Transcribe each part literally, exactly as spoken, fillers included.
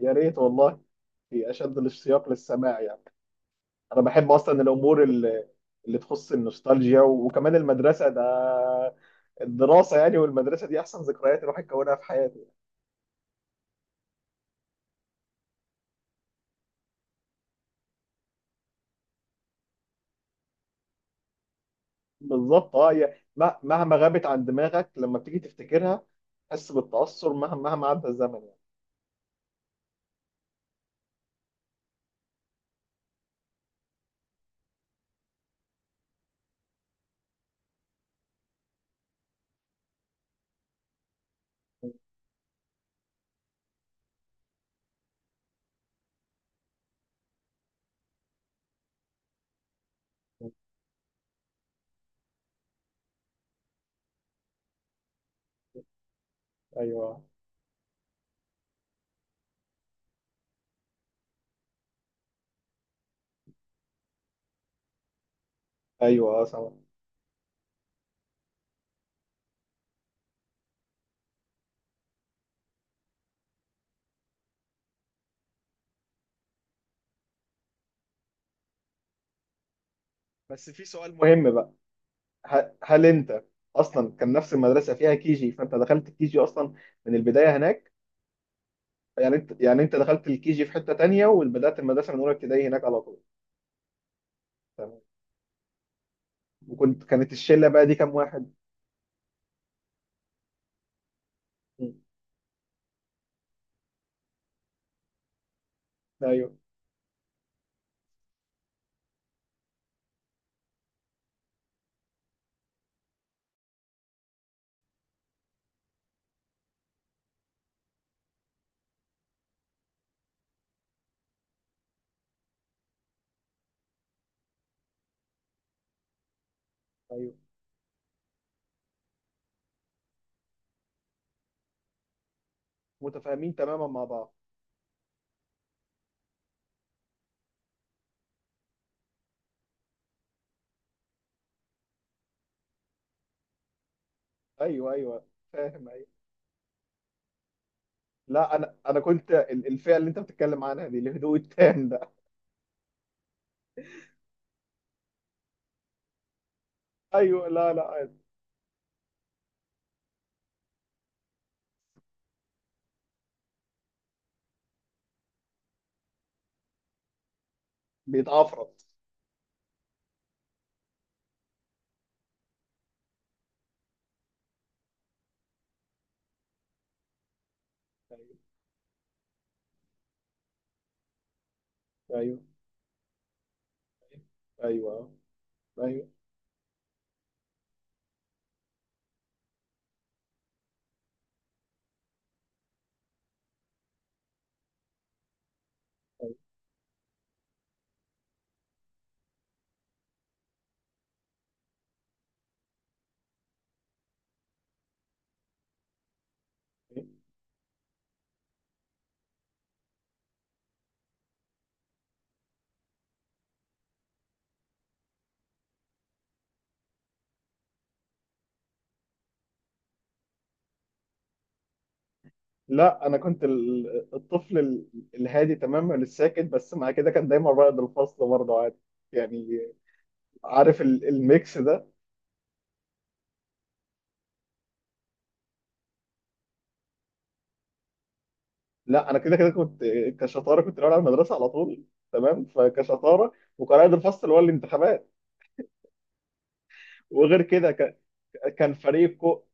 يا ريت والله، في اشد الاشتياق للسماع يعني. انا بحب اصلا الامور اللي اللي تخص النوستالجيا، وكمان المدرسه ده الدراسه يعني، والمدرسه دي احسن ذكريات الواحد كونها في حياته. بالظبط اه، هي مه- مهما غابت عن دماغك، لما بتيجي تفتكرها تحس بالتاثر، مهما مهما عدى الزمن يعني. ايوه ايوه اه سامع. بس في سؤال مهم بقى، ه- هل انت اصلا كان نفس المدرسه فيها كيجي؟ فانت دخلت الكيجي اصلا من البدايه هناك؟ يعني انت، يعني انت دخلت الكي جي في حته تانية، وبدات المدرسه من اولى ابتدائي هناك على طول؟ تمام. وكنت كانت الشله بقى دي كام واحد؟ م. ايوه. ايوه متفاهمين تماما مع بعض. ايوه ايوه فاهم، ايوه. لا انا انا كنت ال- الفئه اللي انت بتتكلم عنها دي، الهدوء التام ده ايوه لا لا عادي. بيتعفرط. ايوه ايوه ايوه ايوه ايوه. لا انا كنت ال- الطفل ال- الهادي تماما الساكت، بس مع كده كان دايما رائد الفصل برضه عادي يعني. عارف ال- الميكس ده؟ لا انا كده كده كنت، كشطاره كنت الاول على المدرسه على طول. تمام، فكشطاره وقائد الفصل هو الانتخابات. وغير كده ك- كان فريق كو،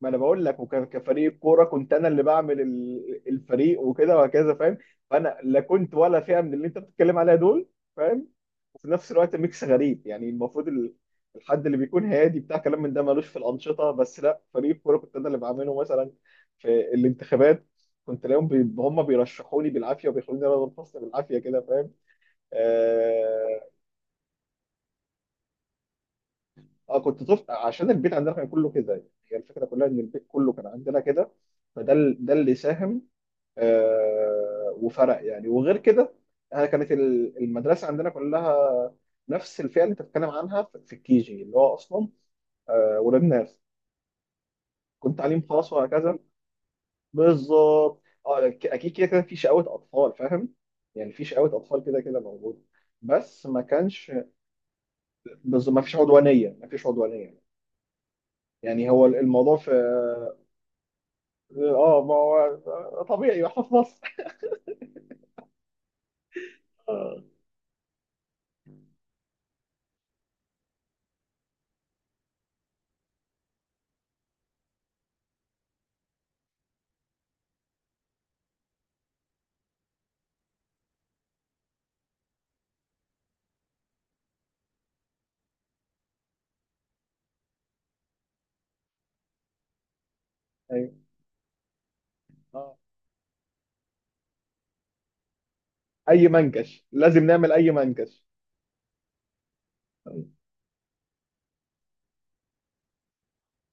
ما انا بقول لك، وكان كفريق كوره كنت انا اللي بعمل ال- الفريق وكده، وهكذا فاهم. فانا لا كنت ولا فئه من اللي انت بتتكلم عليها دول، فاهم. وفي نفس الوقت ميكس غريب يعني، المفروض ال- الحد اللي بيكون هادي بتاع كلام من ده ملوش في الانشطه، بس لا، فريق الكوره كنت انا اللي بعمله مثلا. في الانتخابات كنت الاقيهم بي... هم بيرشحوني بالعافيه، وبيخلوني انا الفصل بالعافيه كده، فاهم. اه، آه، كنت طفل عشان البيت عندنا كان كله كده يعني. هي الفكره كلها ان البيت كله كان عندنا كده، فده ال- ده اللي ساهم آه وفرق يعني. وغير كده، انا كانت ال- المدرسه عندنا كلها نفس الفئه اللي انت بتتكلم عنها في الكيجي، اللي هو اصلا آه، ولاد ناس، كنت تعليم خاص وهكذا. بالظبط اه، ك- اكيد كده كده في شقاوة اطفال فاهم، يعني في شقاوة اطفال كده كده موجوده، بس ما كانش بز... ما فيش عدوانيه، ما فيش عدوانيه. يعني هو الموضوع في اه، آه، ما هو طبيعي واحنا في مصر. آه، ايوه آه. اي منكش لازم نعمل اي منكش.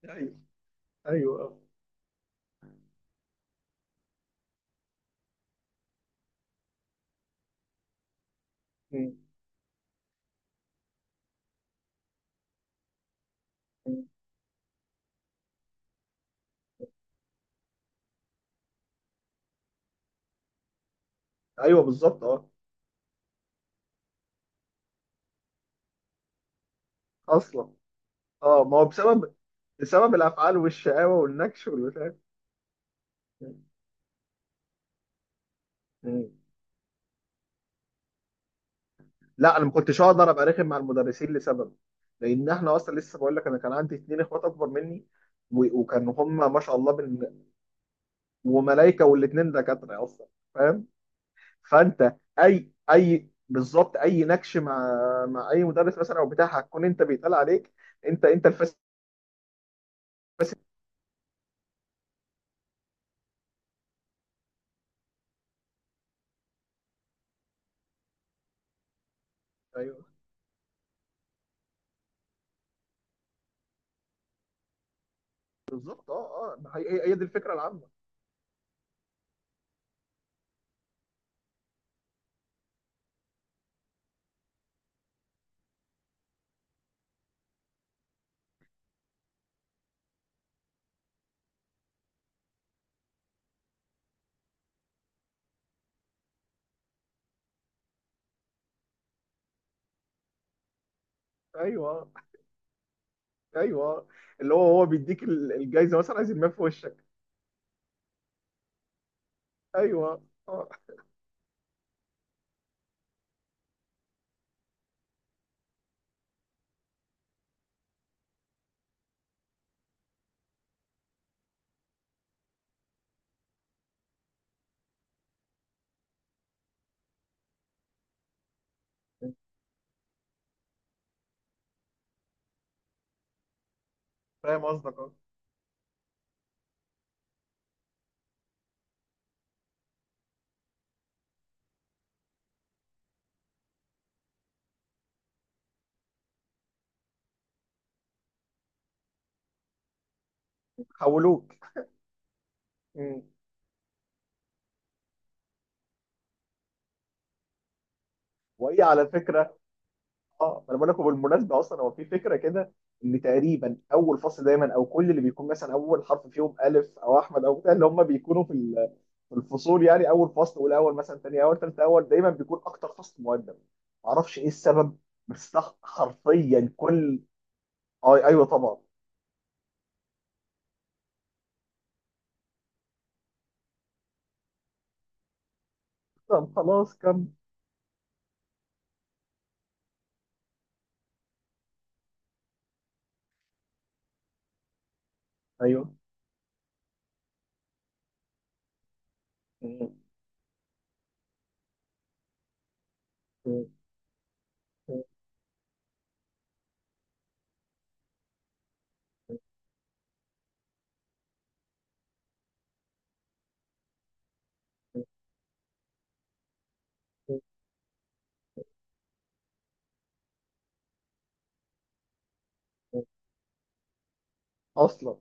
ايوه ايوه آه. م- م. ايوه بالظبط اه. اصلا اه، ما هو بسبب، بسبب الافعال والشقاوه والنكش والبتاع. مم. لا انا ما كنتش اقدر ابقى رخم مع المدرسين لسبب، لان احنا اصلا لسه بقول لك، انا كان عندي اتنين اخوات اكبر مني، و- وكانوا هم ما شاء الله بن... وملايكه، والاتنين دكاتره اصلا، فاهم. فانت اي اي بالظبط، اي نكش مع، مع اي مدرس مثلا او بتاع، هتكون انت بيتقال عليك انت، انت الفاسد. ايوه بالظبط اه اه، ما هي هي، هي دي الفكره العامه. ايوه ايوه، اللي هو هو بيديك ال- الجايزه مثلا عايز يرميها في وشك. ايوه اه. فاهم قصدك. حولوك. مم. وهي على فكره، اه انا بقول لكم بالمناسبه، اصلا هو في فكره كده ان تقريبا اول فصل دايما، او كل اللي بيكون مثلا اول حرف فيهم الف او احمد او بتاع، اللي هم بيكونوا في ال- في الفصول يعني، اول فصل والاول مثلا، ثاني اول، ثالث اول، دايما بيكون اكتر فصل مؤدب. معرفش ايه السبب، بس ده حرفيا كل، آه ايوه طبعا. طب خلاص كم. ايوه اصلا.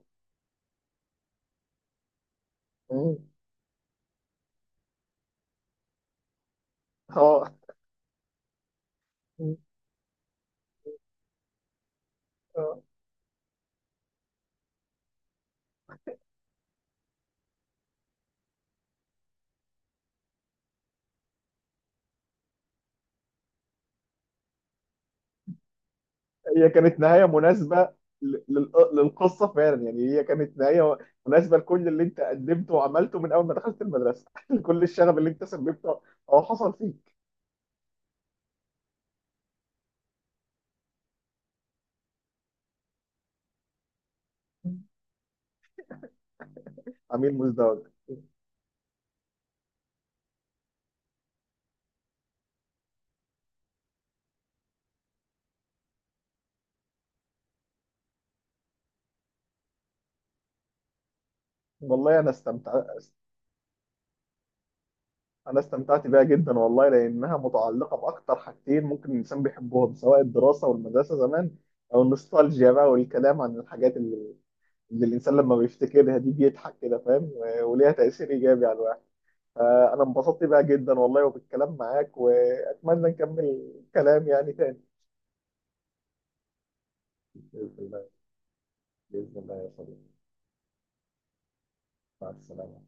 مم. اه، هي كانت نهايه مناسبه لل- لل- للقصه فعلا يعني. هي كانت نهايه مناسبه لكل اللي انت قدمته وعملته من اول ما دخلت المدرسه لكل الشغب اللي انت سببته، او حصل فيك. عميل مزدوج. والله انا استمتع، انا استمتعت بيها جدا والله، لانها متعلقه باكتر حاجتين ممكن الانسان بيحبهم، سواء الدراسه والمدرسه زمان، او النوستالجيا بقى، والكلام عن الحاجات اللي، اللي الانسان لما بيفتكرها دي بيضحك كده، فاهم، و- وليها تاثير ايجابي على الواحد. فانا انبسطت بقى جدا والله، وبالكلام معاك، واتمنى نكمل كلام يعني تاني. باذن الله. باذن الله يا صديقي. مع السلامه.